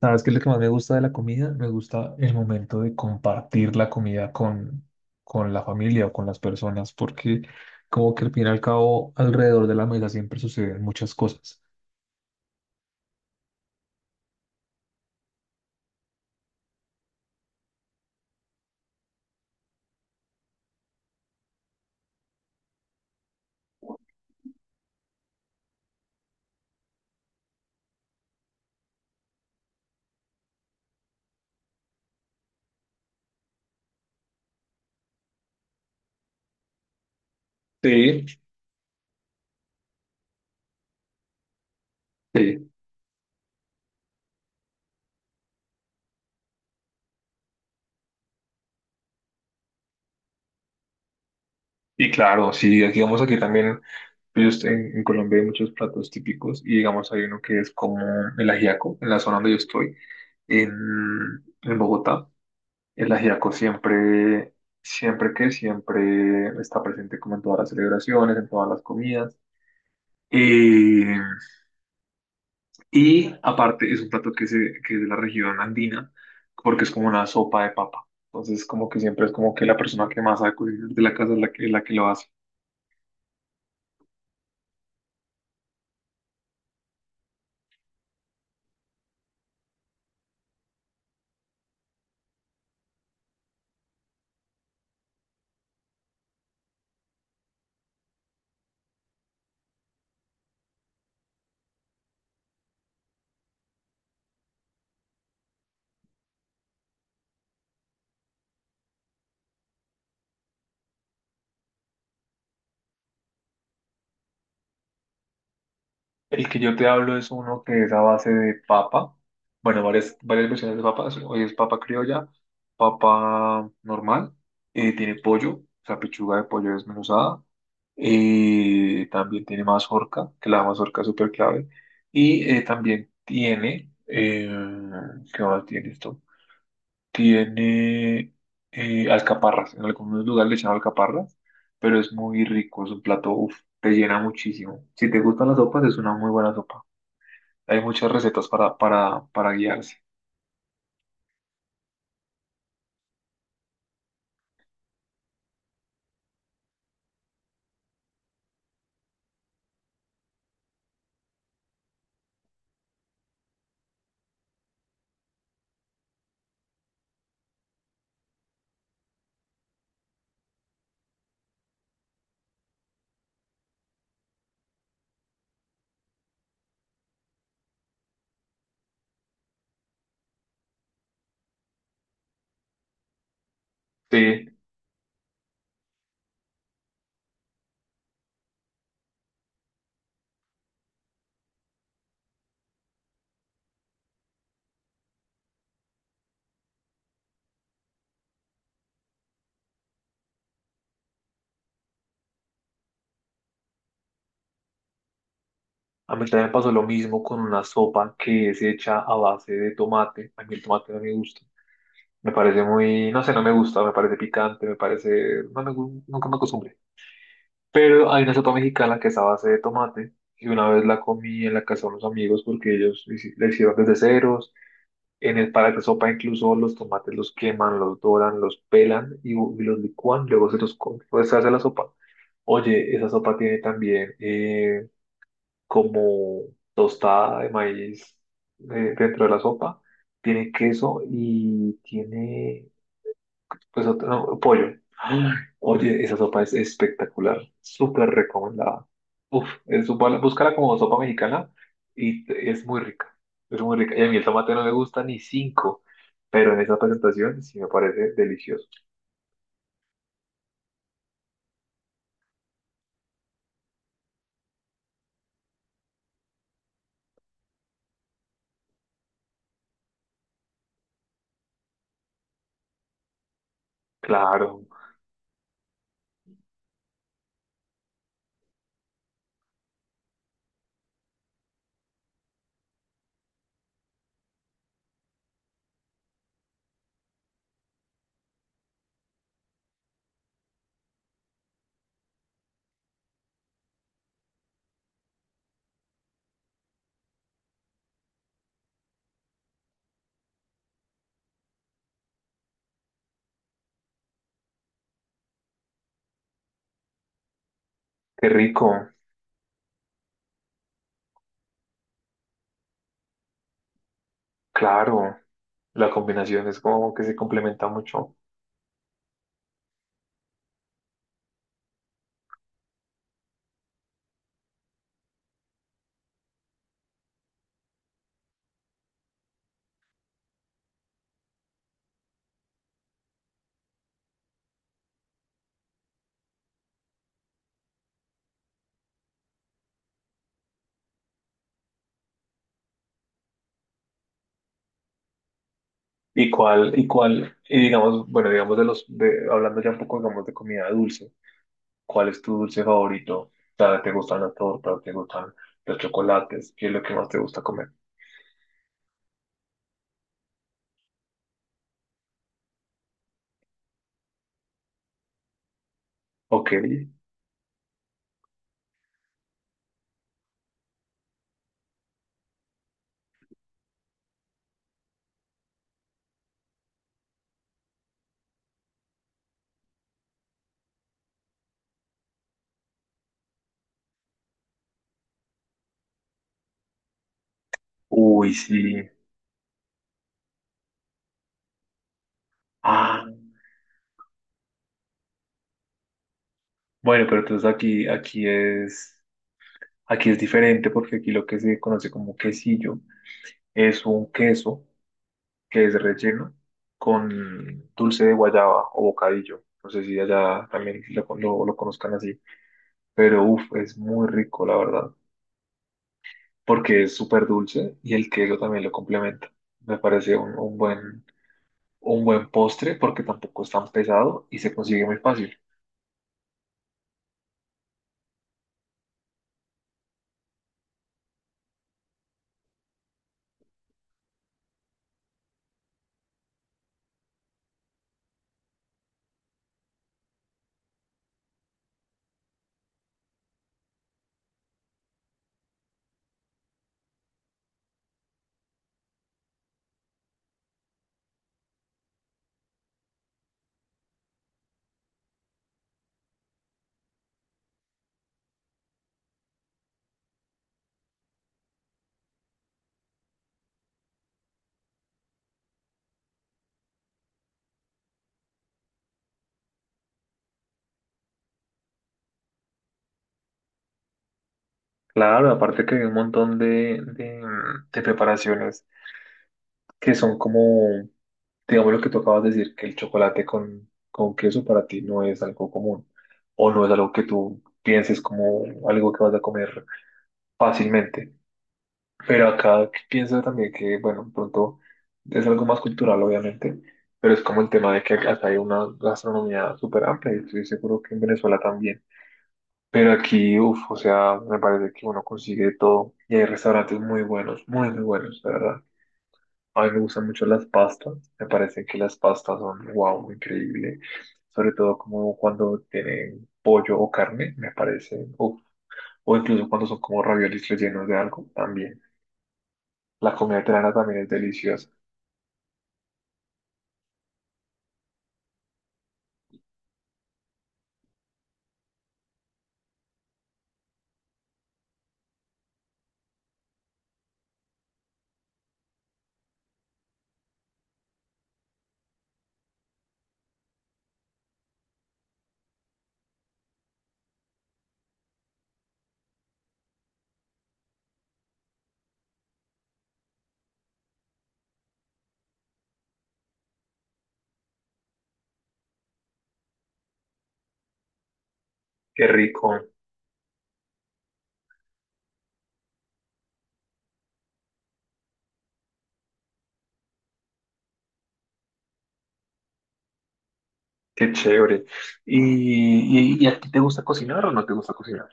¿Sabes qué es lo que más me gusta de la comida? Me gusta el momento de compartir la comida con la familia o con las personas, porque como que al fin y al cabo alrededor de la mesa siempre suceden muchas cosas. Sí, sí. Y claro, sí, aquí vamos aquí también, pues, en Colombia hay muchos platos típicos y digamos hay uno que es como el ajiaco, en la zona donde yo estoy, en, en Bogotá. El ajiaco siempre está presente como en todas las celebraciones, en todas las comidas. Eh, y aparte es un plato que es de la región andina, porque es como una sopa de papa. Entonces, como que siempre es como que la persona que más sabe cocinar de la casa es la que lo hace. El que yo te hablo es uno que es a base de papa. Bueno, varias versiones de papa. Hoy es papa criolla, papa normal. Eh, tiene pollo, o sea, pechuga de pollo desmenuzada. Eh, también tiene mazorca, que la mazorca es súper clave. Y también tiene, ¿qué más tiene esto? Tiene alcaparras. En algunos lugares le echan alcaparras, pero es muy rico. Es un plato, uf, te llena muchísimo. Si te gustan las sopas, es una muy buena sopa. Hay muchas recetas para guiarse. Sí, a mí también me pasó lo mismo con una sopa que es hecha a base de tomate. A mí el tomate no me gusta. Me parece muy, no sé, no me gusta, me parece picante, me parece, nunca me acostumbré. Pero hay una sopa mexicana que es a base de tomate y una vez la comí en la casa de unos amigos porque la hicieron desde ceros. En el para esta sopa incluso los tomates los queman, los doran, los pelan y los licúan, luego se los come, pues se hace la sopa. Oye, esa sopa tiene también como tostada de maíz dentro de la sopa, tiene queso y tiene pues otro, no, pollo. Oye, esa sopa es espectacular, súper recomendada. Uf, es sopa, búscala como sopa mexicana y es muy rica, es muy rica. Y a mí el tomate no me gusta ni cinco, pero en esa presentación sí me parece delicioso. Claro, qué rico, claro. La combinación es como que se complementa mucho. ¿Y digamos, bueno, digamos hablando ya un poco, digamos, de comida dulce? ¿Cuál es tu dulce favorito? ¿Sabes? ¿Te gustan las tortas? ¿Te gustan los chocolates? ¿Qué es lo que más te gusta comer? Ok. Uy, sí. Ah, bueno, pero entonces aquí es diferente porque aquí lo que se conoce como quesillo es un queso que es relleno con dulce de guayaba o bocadillo. No sé si allá también lo conozcan así, pero uff, es muy rico, la verdad. Porque es súper dulce y el queso también lo complementa. Me parece un buen postre porque tampoco es tan pesado y se consigue muy fácil. Claro, aparte que hay un montón de preparaciones que son como, digamos lo que tú acabas de decir, que el chocolate con queso para ti no es algo común o no es algo que tú pienses como algo que vas a comer fácilmente. Pero acá pienso también que, bueno, pronto es algo más cultural, obviamente, pero es como el tema de que acá hay una gastronomía súper amplia y estoy seguro que en Venezuela también. Pero aquí, uff, o sea, me parece que uno consigue todo y hay restaurantes muy buenos, muy, muy buenos, de verdad. A mí me gustan mucho las pastas, me parece que las pastas son, wow, increíble. Sobre todo como cuando tienen pollo o carne, me parece, uff, o incluso cuando son como raviolis rellenos de algo, también. La comida italiana también es deliciosa. Qué rico, qué chévere. ¿Y a ti te gusta cocinar o no te gusta cocinar?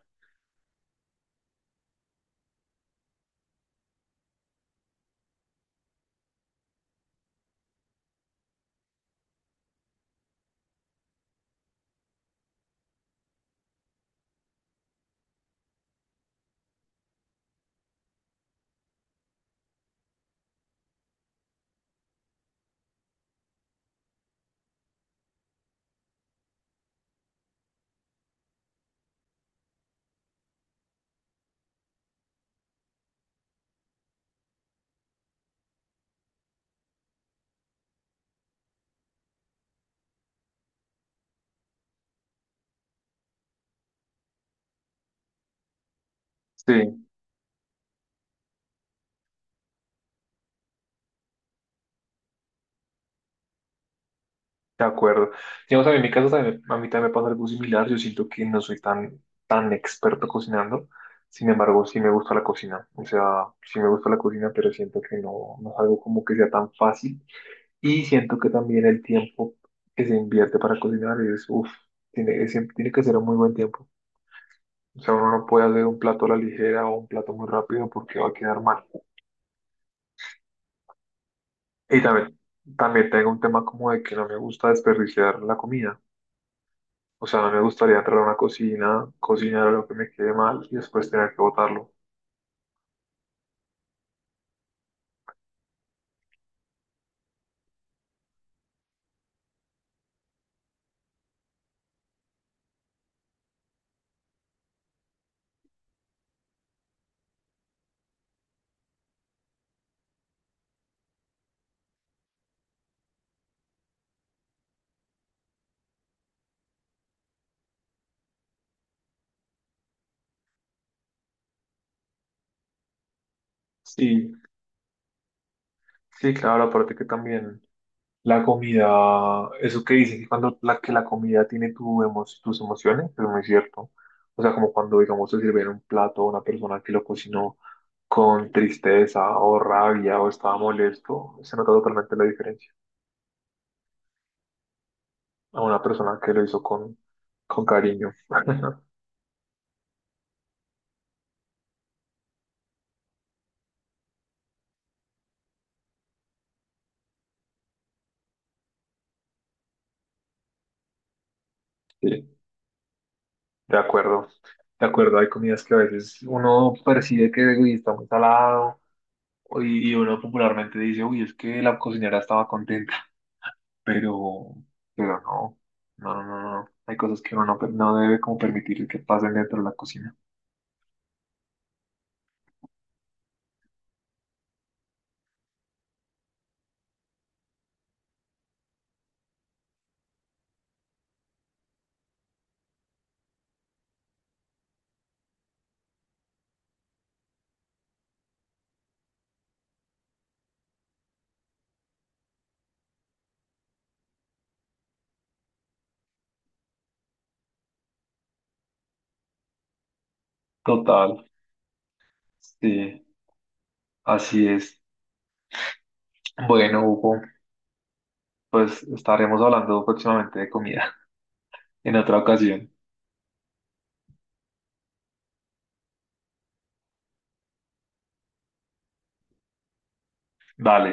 Sí, de acuerdo. Digamos, a mí en mi casa también, a mí también me pasa algo similar. Yo siento que no soy tan experto cocinando. Sin embargo, sí me gusta la cocina. O sea, sí me gusta la cocina, pero siento que no, no es algo como que sea tan fácil. Y siento que también el tiempo que se invierte para cocinar es, uff, tiene que ser un muy buen tiempo. O sea, uno no puede hacer un plato a la ligera o un plato muy rápido porque va a quedar mal. Y también, también tengo un tema como de que no me gusta desperdiciar la comida. O sea, no me gustaría entrar a una cocina, cocinar algo que me quede mal y después tener que botarlo. Sí, sí, claro, aparte que también. La comida, eso que dicen que cuando la comida tiene tus emociones, es muy cierto. O sea, como cuando, digamos, se sirve en un plato a una persona que lo cocinó con tristeza o rabia o estaba molesto, se nota totalmente la diferencia a una persona que lo hizo con cariño. Sí, de acuerdo. De acuerdo, hay comidas que a veces uno percibe que uy, está muy salado y uno popularmente dice, uy, es que la cocinera estaba contenta, pero, pero no, no, no, no, no. Hay cosas que uno no, per- no debe como permitir que pasen dentro de la cocina. Total, sí, así es. Bueno, Hugo, pues estaremos hablando próximamente de comida en otra ocasión. Dale.